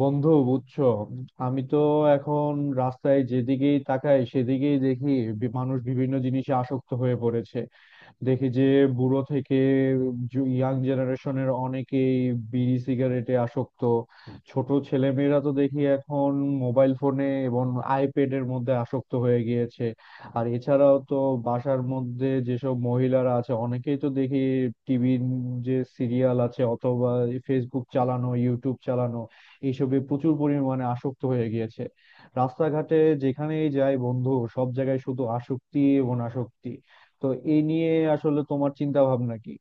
বন্ধু, বুঝছো আমি তো এখন রাস্তায় যেদিকেই তাকাই সেদিকেই দেখি মানুষ বিভিন্ন জিনিসে আসক্ত হয়ে পড়েছে। দেখি যে বুড়ো থেকে ইয়াং জেনারেশনের অনেকেই বিড়ি সিগারেটে আসক্ত। ছোট ছেলেমেয়েরা তো দেখি এখন মোবাইল ফোনে এবং আইপ্যাডের মধ্যে আসক্ত হয়ে গিয়েছে। আর এছাড়াও তো বাসার মধ্যে যেসব মহিলারা আছে অনেকেই তো দেখি টিভির যে সিরিয়াল আছে, অথবা ফেসবুক চালানো, ইউটিউব চালানো, এইসবে প্রচুর পরিমাণে আসক্ত হয়ে গিয়েছে। রাস্তাঘাটে যেখানেই যাই বন্ধু, সব জায়গায় শুধু আসক্তি এবং আসক্তি। তো এই নিয়ে আসলে তোমার চিন্তা ভাবনা কি?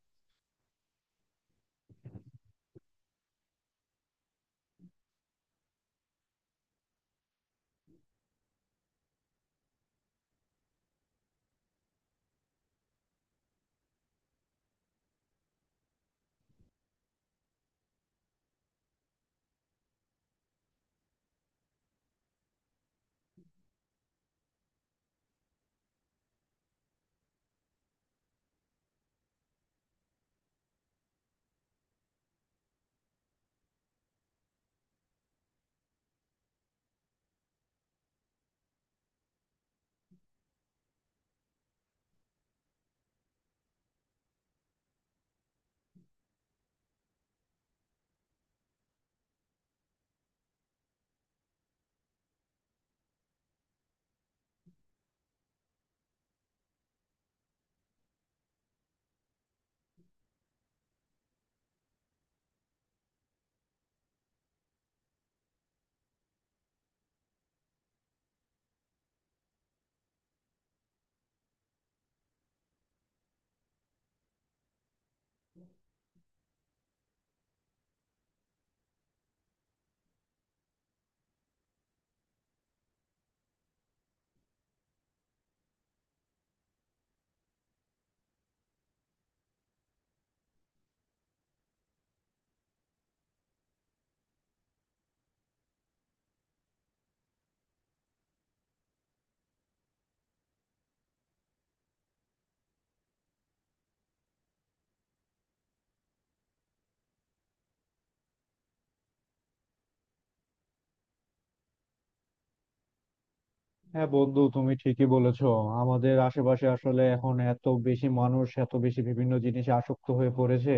হ্যাঁ বন্ধু, তুমি ঠিকই বলেছো। আমাদের আশেপাশে আসলে এখন এত বেশি মানুষ এত বেশি বিভিন্ন জিনিসে আসক্ত হয়ে পড়েছে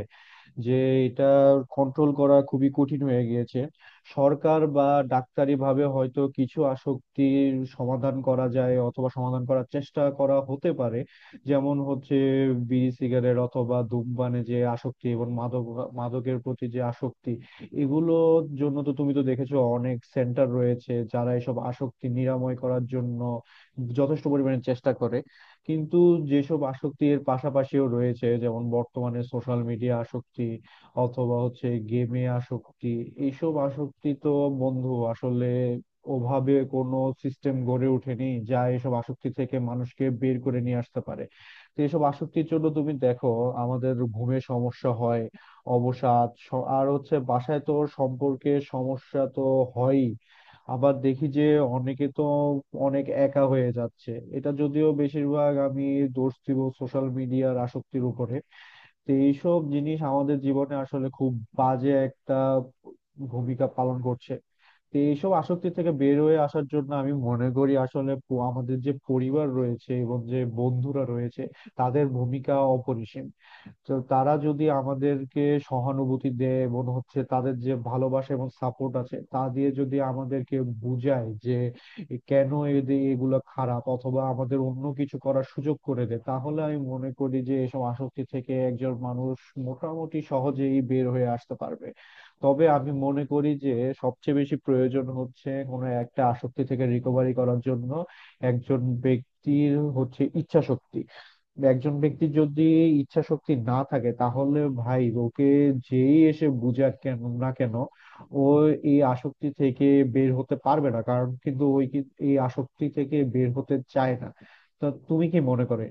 যে এটা কন্ট্রোল করা খুবই কঠিন হয়ে গিয়েছে। সরকার বা ডাক্তারি ভাবে হয়তো কিছু আসক্তির সমাধান করা যায়, অথবা সমাধান করার চেষ্টা করা হতে পারে। যেমন হচ্ছে বিড়ি সিগারেট অথবা ধূমপানে যে আসক্তি, এবং মাদক, মাদকের প্রতি যে আসক্তি, এগুলোর জন্য তো তুমি তো দেখেছো অনেক সেন্টার রয়েছে যারা এসব আসক্তি নিরাময় করার জন্য যথেষ্ট পরিমাণে চেষ্টা করে। কিন্তু যেসব আসক্তির পাশাপাশিও রয়েছে, যেমন বর্তমানে সোশ্যাল মিডিয়া আসক্তি অথবা হচ্ছে গেমে আসক্তি, এইসব আসক্তি তো বন্ধু আসলে ওভাবে কোনো সিস্টেম গড়ে ওঠেনি যা এসব আসক্তি থেকে মানুষকে বের করে নিয়ে আসতে পারে। তো এসব আসক্তির জন্য তুমি দেখো আমাদের ঘুমে সমস্যা হয়, অবসাদ আর হচ্ছে বাসায় তো সম্পর্কে সমস্যা তো হয়ই। আবার দেখি যে অনেকে তো অনেক একা হয়ে যাচ্ছে। এটা যদিও বেশিরভাগ আমি দোষ দিব সোশ্যাল মিডিয়ার আসক্তির উপরে। তো এইসব জিনিস আমাদের জীবনে আসলে খুব বাজে একটা ভূমিকা পালন করছে। তো এইসব আসক্তি থেকে বের হয়ে আসার জন্য আমি মনে করি আসলে আমাদের যে পরিবার রয়েছে এবং যে বন্ধুরা রয়েছে তাদের ভূমিকা অপরিসীম। তো তারা যদি আমাদেরকে সহানুভূতি দেয় এবং হচ্ছে তাদের যে ভালোবাসা এবং সাপোর্ট আছে তা দিয়ে যদি আমাদেরকে বুঝায় যে কেন এদের এগুলো খারাপ, অথবা আমাদের অন্য কিছু করার সুযোগ করে দেয়, তাহলে আমি মনে করি যে এসব আসক্তি থেকে একজন মানুষ মোটামুটি সহজেই বের হয়ে আসতে পারবে। তবে আমি মনে করি যে সবচেয়ে বেশি প্রয়োজন হচ্ছে কোনো একটা আসক্তি থেকে রিকভারি করার জন্য একজন ব্যক্তির হচ্ছে ইচ্ছা শক্তি। একজন ব্যক্তির যদি ইচ্ছা শক্তি না থাকে তাহলে ভাই ওকে যেই এসে বুঝাক কেন না কেন, ও এই আসক্তি থেকে বের হতে পারবে না, কারণ কিন্তু ওই এই আসক্তি থেকে বের হতে চায় না। তা তুমি কি মনে করে?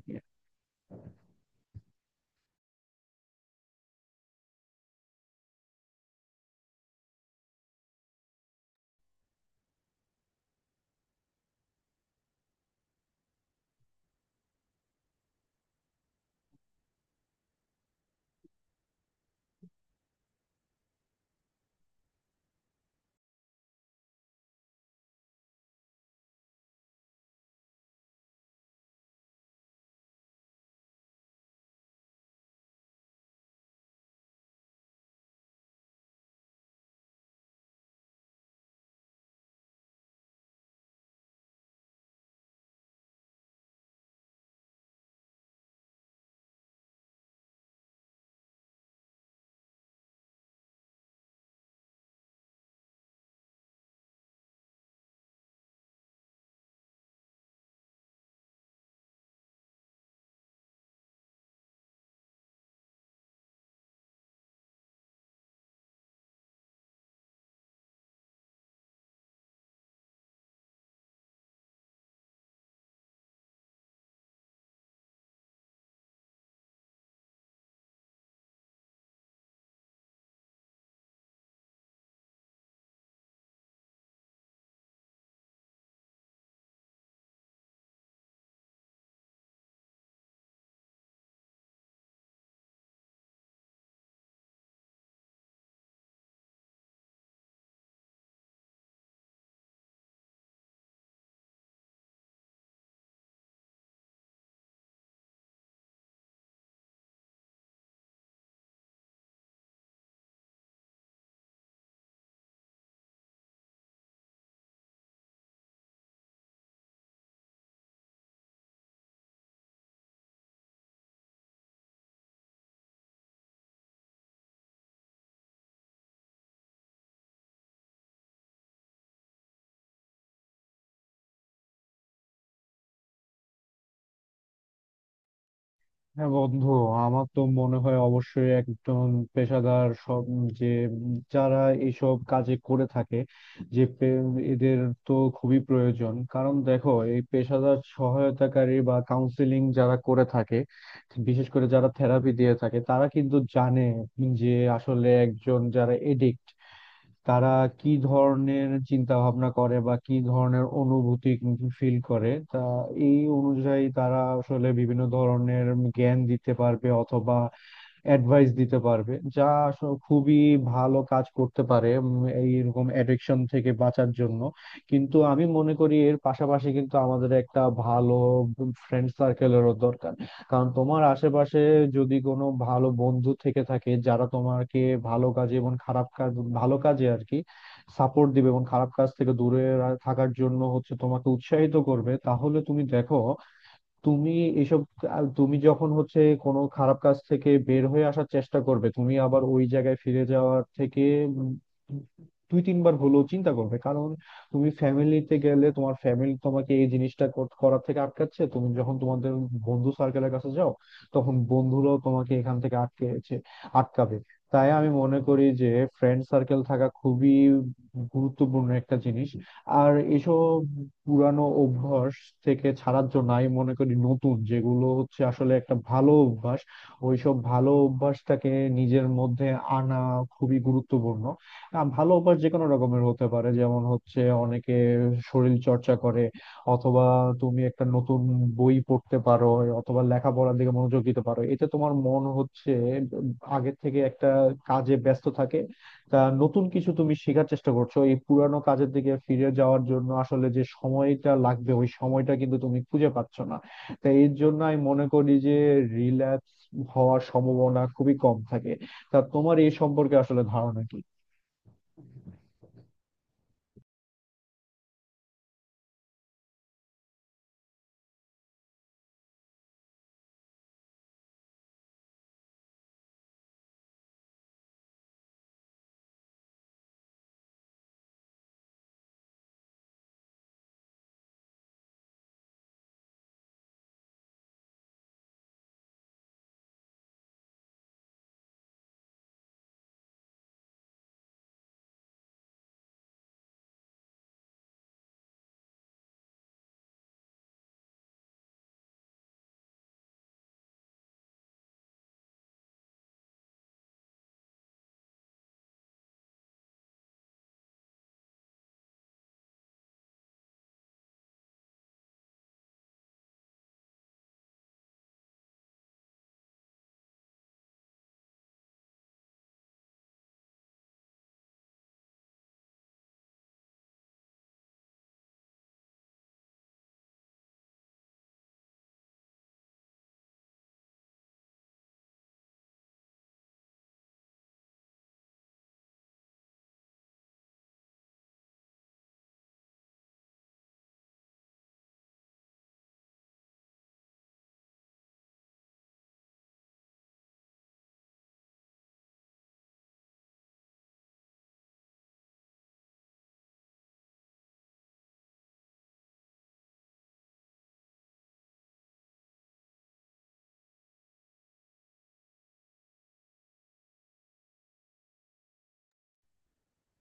হ্যাঁ বন্ধু, আমার তো মনে হয় অবশ্যই একজন পেশাদার সব যে যারা এইসব কাজে করে থাকে, যে এদের তো খুবই প্রয়োজন, কারণ দেখো এই পেশাদার সহায়তাকারী বা কাউন্সিলিং যারা করে থাকে, বিশেষ করে যারা থেরাপি দিয়ে থাকে, তারা কিন্তু জানে যে আসলে একজন যারা এডিক্ট, তারা কি ধরনের চিন্তা ভাবনা করে বা কি ধরনের অনুভূতি ফিল করে, তা এই অনুযায়ী তারা আসলে বিভিন্ন ধরনের জ্ঞান দিতে পারবে অথবা অ্যাডভাইস দিতে পারবে, যা আসলে খুবই ভালো কাজ করতে পারে এই এরকম অ্যাডিকশন থেকে বাঁচার জন্য। কিন্তু আমি মনে করি এর পাশাপাশি কিন্তু আমাদের একটা ভালো ফ্রেন্ড সার্কেলেরও দরকার। কারণ তোমার আশেপাশে যদি কোনো ভালো বন্ধু থেকে থাকে যারা তোমাকে ভালো কাজে এবং খারাপ কাজ, ভালো কাজে আর কি সাপোর্ট দিবে এবং খারাপ কাজ থেকে দূরে থাকার জন্য হচ্ছে তোমাকে উৎসাহিত করবে, তাহলে তুমি দেখো, তুমি এসব, আর তুমি যখন হচ্ছে কোনো খারাপ কাজ থেকে বের হয়ে আসার চেষ্টা করবে তুমি আবার ওই জায়গায় ফিরে যাওয়ার থেকে উম দুই তিনবার হলেও চিন্তা করবে। কারণ তুমি ফ্যামিলিতে গেলে তোমার ফ্যামিলি তোমাকে এই জিনিসটা করার থেকে আটকাচ্ছে, তুমি যখন তোমাদের বন্ধু সার্কেলের কাছে যাও, তখন বন্ধুরাও তোমাকে এখান থেকে আটকাবে। তাই আমি মনে করি যে ফ্রেন্ড সার্কেল থাকা খুবই গুরুত্বপূর্ণ একটা জিনিস। আর এসব পুরানো অভ্যাস থেকে ছাড়ার জন্য আমি মনে করি নতুন যেগুলো হচ্ছে আসলে একটা ভালো অভ্যাস, ওইসব ভালো অভ্যাসটাকে নিজের মধ্যে আনা খুবই গুরুত্বপূর্ণ। ভালো অভ্যাস যে কোনো রকমের হতে পারে, যেমন হচ্ছে অনেকে শরীর চর্চা করে, অথবা তুমি একটা নতুন বই পড়তে পারো, অথবা লেখাপড়ার দিকে মনোযোগ দিতে পারো, এতে তোমার মন হচ্ছে আগের থেকে একটা কাজে ব্যস্ত থাকে। তা নতুন কিছু তুমি শেখার চেষ্টা করছো, এই পুরানো কাজের দিকে ফিরে যাওয়ার জন্য আসলে যে সময়টা লাগবে ওই সময়টা কিন্তু তুমি খুঁজে পাচ্ছ না। তাই এর জন্য আমি মনে করি যে রিল্যাপস হওয়ার সম্ভাবনা খুবই কম থাকে। তা তোমার এই সম্পর্কে আসলে ধারণা কি?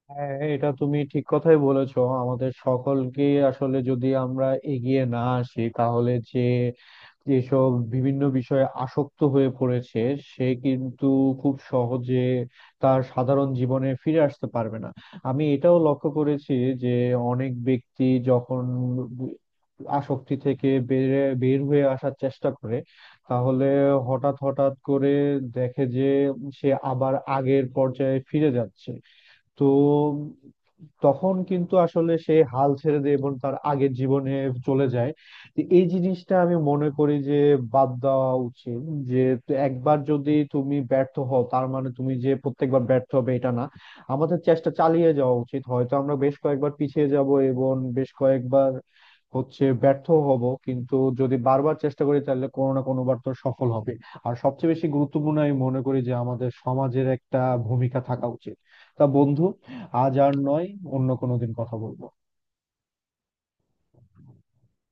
হ্যাঁ, এটা তুমি ঠিক কথাই বলেছো, আমাদের সকলকে আসলে যদি আমরা এগিয়ে না আসি তাহলে যে যেসব বিভিন্ন বিষয়ে আসক্ত হয়ে পড়েছে সে কিন্তু খুব সহজে তার সাধারণ জীবনে ফিরে আসতে পারবে না। আমি এটাও লক্ষ্য করেছি যে অনেক ব্যক্তি যখন আসক্তি থেকে বের হয়ে আসার চেষ্টা করে, তাহলে হঠাৎ হঠাৎ করে দেখে যে সে আবার আগের পর্যায়ে ফিরে যাচ্ছে। তো তখন কিন্তু আসলে সে হাল ছেড়ে দিয়ে এবং তার আগের জীবনে চলে যায়। তো এই জিনিসটা আমি মনে করি যে বাদ দেওয়া উচিত যে, তো একবার যদি তুমি ব্যর্থ হও তার মানে তুমি যে প্রত্যেকবার ব্যর্থ হবে এটা না। আমাদের চেষ্টা চালিয়ে যাওয়া উচিত, হয়তো আমরা বেশ কয়েকবার পিছিয়ে যাব এবং বেশ কয়েকবার হচ্ছে ব্যর্থ হব, কিন্তু যদি বারবার চেষ্টা করি তাহলে কোনো না কোনো বার তো সফল হবে। আর সবচেয়ে বেশি গুরুত্বপূর্ণ আমি মনে করি যে আমাদের সমাজের একটা ভূমিকা থাকা উচিত। তা বন্ধু, আজ আর নয়, অন্য কোনো দিন কথা বলবো।